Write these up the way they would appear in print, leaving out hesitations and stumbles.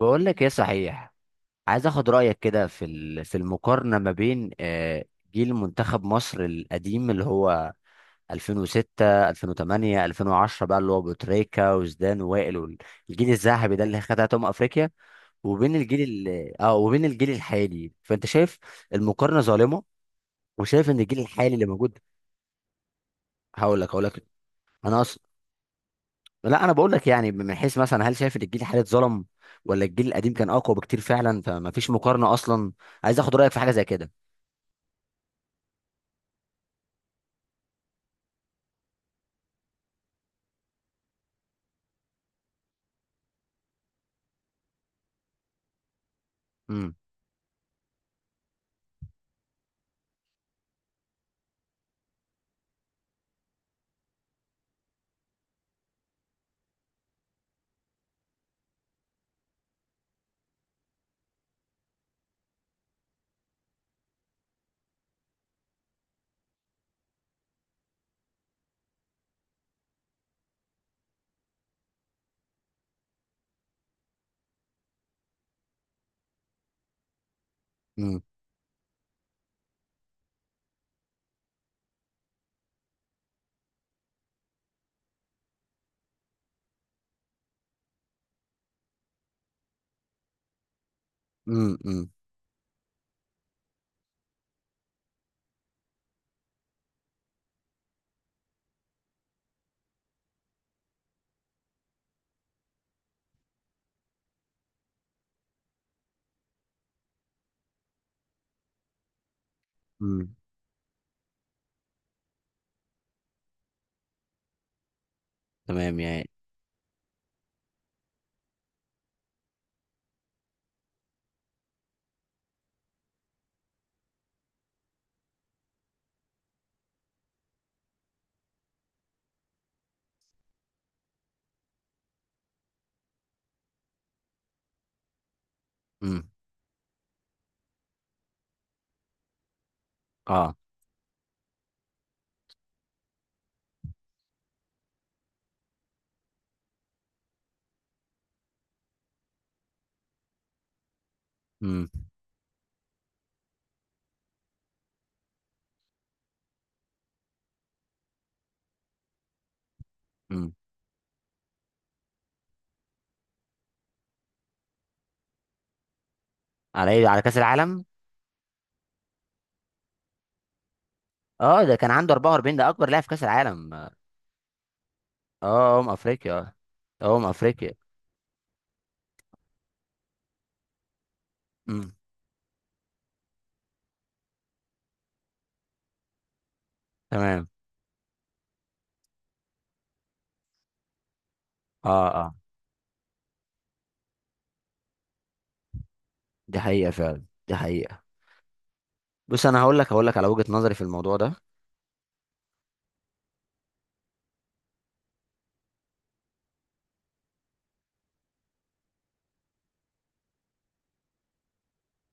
بقول لك ايه صحيح. عايز اخد رايك كده في المقارنه ما بين جيل منتخب مصر القديم اللي هو 2006 2008 2010 بقى، اللي هو ابو تريكه وزدان ووائل والجيل الذهبي ده اللي خدها افريقيا، وبين الجيل وبين الجيل الحالي. فانت شايف المقارنه ظالمه، وشايف ان الجيل الحالي اللي موجود. هقول لك. انا أص... لا، انا بقول لك يعني، من حيث مثلا، هل شايف ان الجيل الحالي اتظلم، ولا الجيل القديم كان اقوى بكتير فعلا فما فيش مقارنه اصلا؟ عايز اخد رايك في حاجه زي كده. امم. امم. امم. امم. امم. تمام يعني. امم. اه. امم. امم. على ايه، على كاس العالم؟ اه، ده كان عنده 44، ده اكبر لاعب في كاس العالم. اه، ام افريقيا. اه، ام افريقيا. امم. تمام. اه. اه. دي حقيقه فعلا، دي حقيقه. بص، انا هقول لك على وجهه نظري في الموضوع ده.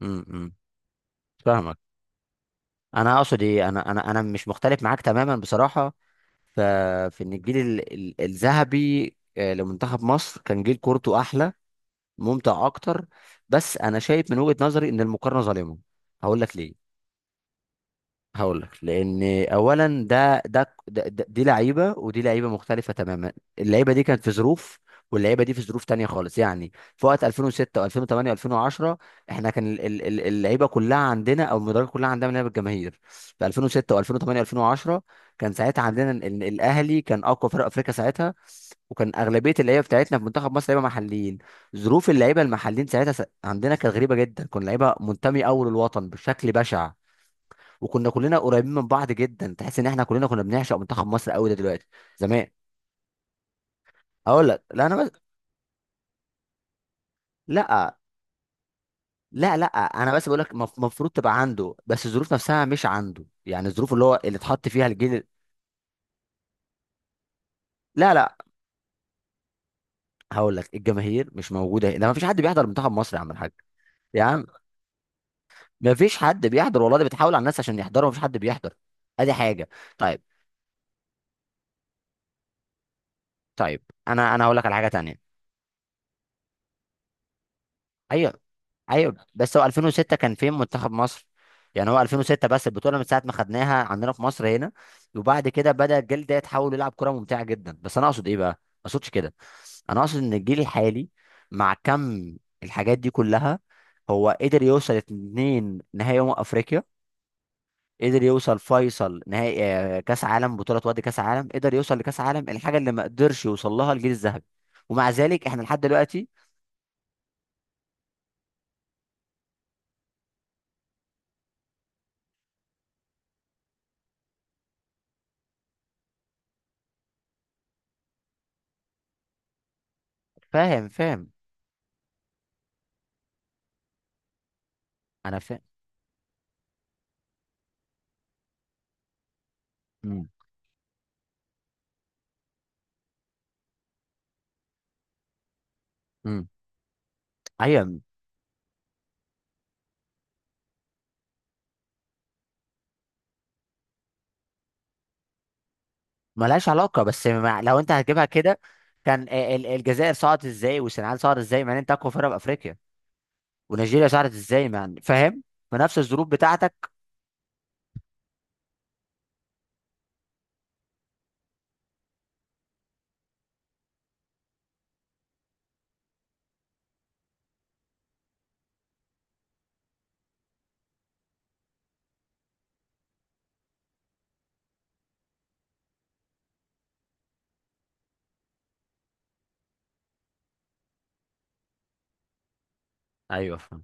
امم. امم. فاهمك. انا اقصد ايه، انا مش مختلف معاك تماما بصراحه. ف- في ان الجيل الذهبي، لمنتخب مصر، كان جيل كورته احلى، ممتع اكتر. بس انا شايف من وجهه نظري ان المقارنه ظالمه. هقول لك ليه. هقول لك، لان اولا دي لعيبه ودي لعيبه مختلفه تماما. اللعيبه دي كانت في ظروف، واللعيبه دي في ظروف تانية خالص يعني. في وقت 2006 و2008 و2010، احنا كان اللعيبه كلها عندنا، او المدرجات كلها عندنا لعيبه الجماهير في 2006 و2008 و2010. كان ساعتها عندنا الاهلي كان اقوى فرق افريقيا ساعتها، وكان اغلبيه اللعيبه بتاعتنا في منتخب مصر لعيبه محليين. ظروف اللعيبه المحليين ساعتها عندنا كانت غريبه جدا، كنا لعيبه منتمي اول الوطن بشكل بشع، وكنا كلنا قريبين من بعض جدا، تحس ان احنا كلنا كنا بنعشق منتخب مصر قوي، ده دلوقتي زمان. اقول لك، لا انا بس. لا، لا، لا انا بس بقول لك المفروض تبقى عنده، بس الظروف نفسها مش عنده، يعني الظروف اللي هو اللي اتحط فيها الجيل. لا، لا. هقول لك، الجماهير مش موجوده هنا، ما فيش حد بيحضر منتخب مصر يا عم الحاج. يا عم، ما فيش حد بيحضر والله، ده بتحاول على الناس عشان يحضروا، ما فيش حد بيحضر. ادي حاجه. طيب. طيب، انا هقول لك على حاجه تانيه. ايوه. ايوه، بس هو 2006 كان فين منتخب مصر؟ يعني هو 2006، بس البطوله من ساعه ما خدناها عندنا في مصر هنا، وبعد كده بدا الجيل ده يتحول يلعب كره ممتعه جدا. بس انا اقصد ايه بقى، ما اقصدش كده. انا اقصد ان الجيل الحالي، مع كم الحاجات دي كلها، هو قدر يوصل اتنين نهائي افريقيا، قدر يوصل فيصل نهائي، كاس عالم بطوله، وادي كاس عالم، قدر يوصل لكاس عالم، الحاجه اللي ما قدرش يوصل لها الجيل الذهبي. ومع ذلك احنا لحد دلوقتي. فاهم، فاهم. انا فاهم. امم. امم. ايوه. ملهاش علاقة، بس مع... لو انت هتجيبها كده، كان الجزائر صعدت ازاي، والسنغال صعدت ازاي مع ان انت اقوى فرقة بافريقيا؟ ونيجيريا صعدت ازاي مع فاهم؟ بنفس الظروف بتاعتك. ايوه، فاهم.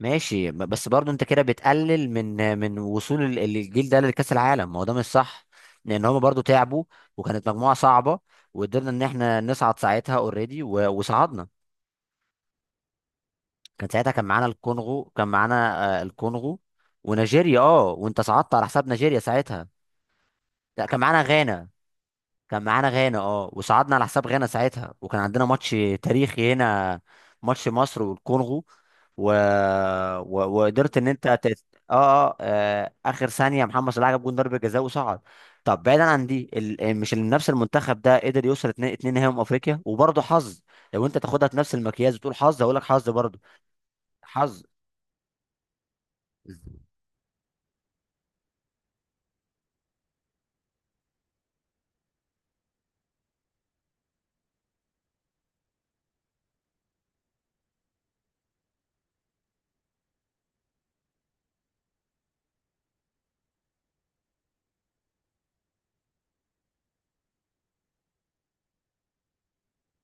ماشي، بس برضو انت كده بتقلل من وصول الجيل ده لكأس العالم، ما هو ده مش صح، لان هما برضو تعبوا، وكانت مجموعة صعبة، وقدرنا ان احنا نصعد ساعتها اوريدي وصعدنا. كان ساعتها، كان معانا الكونغو، كان معانا، الكونغو ونيجيريا. اه، وانت صعدت على حساب نيجيريا ساعتها. لا، كان معانا غانا. كان معانا غانا، اه، وصعدنا على حساب غانا ساعتها، وكان عندنا ماتش تاريخي هنا، ماتش مصر والكونغو، و... وقدرت ان انت اه. اه، اخر ثانيه محمد صلاح جاب جون ضربه جزاء وصعد. طب بعيدا عن دي، ال... مش ال- نفس المنتخب ده قدر يوصل اتنين نهائي من افريقيا، وبرضه حظ. لو انت تاخدها في نفس المكياج وتقول حظ، هقول لك حظ برضه. حظ.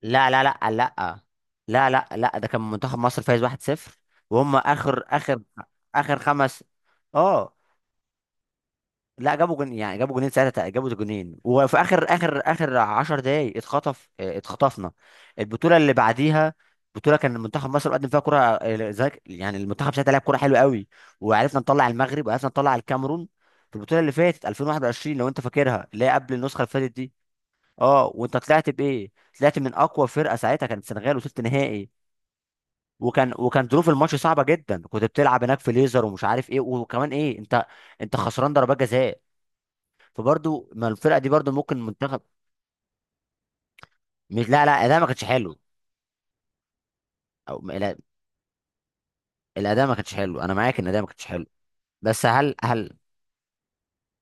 لا، لا، لا، لا. لا، لا، لا، ده كان منتخب مصر فايز 1-0، وهم اخر خمس. اه. لا، جابوا جون، يعني جابوا جونين ساعتها، جابوا جونين، وفي اخر 10 دقايق اتخطف. اه، اتخطفنا البطوله اللي بعديها. بطوله كان منتخب مصر قدم فيها كره اه، يعني المنتخب ساعتها لعب كره حلوه قوي، وعرفنا نطلع المغرب وعرفنا نطلع الكاميرون. في البطوله اللي فاتت 2021، لو انت فاكرها، اللي هي قبل النسخه اللي فاتت دي. اه، وانت طلعت بايه؟ طلعت من اقوى فرقه ساعتها، كانت السنغال، وصلت نهائي. وكان ظروف الماتش صعبه جدا، كنت بتلعب هناك في ليزر ومش عارف ايه، وكمان ايه، انت خسران ضربات جزاء. فبرضه ما الفرقه دي برضه ممكن منتخب. مش، لا، لا، الاداء ما كانش حلو. او لا، الاداء ما كانش حلو، انا معاك ان الاداء ما كانش حلو. بس هل.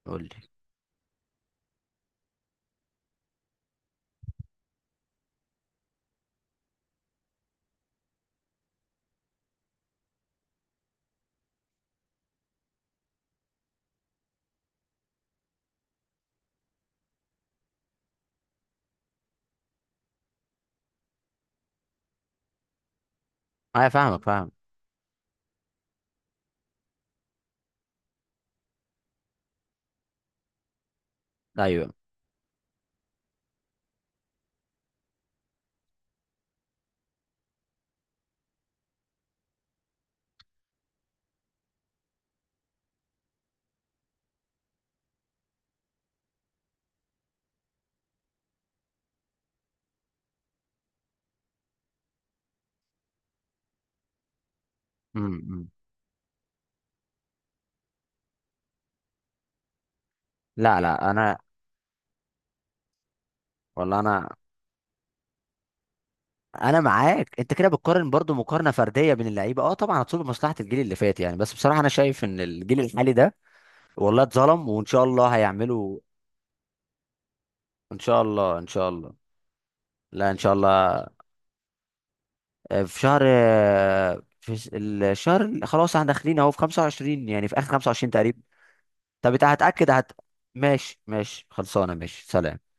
قول لي. انا فاهمك، فاهم. ايوه. امم. أمم. لا، لا، انا. والله انا. انا معاك، انت كده بتقارن برضو مقارنه فرديه بين اللعيبه، اه طبعا هتصب مصلحه الجيل اللي فات يعني، بس بصراحه انا شايف ان الجيل الحالي ده والله اتظلم. وان شاء الله هيعملوا. ان شاء الله، ان شاء الله. لا، ان شاء الله. في شهر، في الشهر اللي خلاص احنا داخلين اهو، في 25، يعني في اخر 25 تقريبا. طب انت هتاكد، هت. ماشي، ماشي خلصانه، ماشي سلام.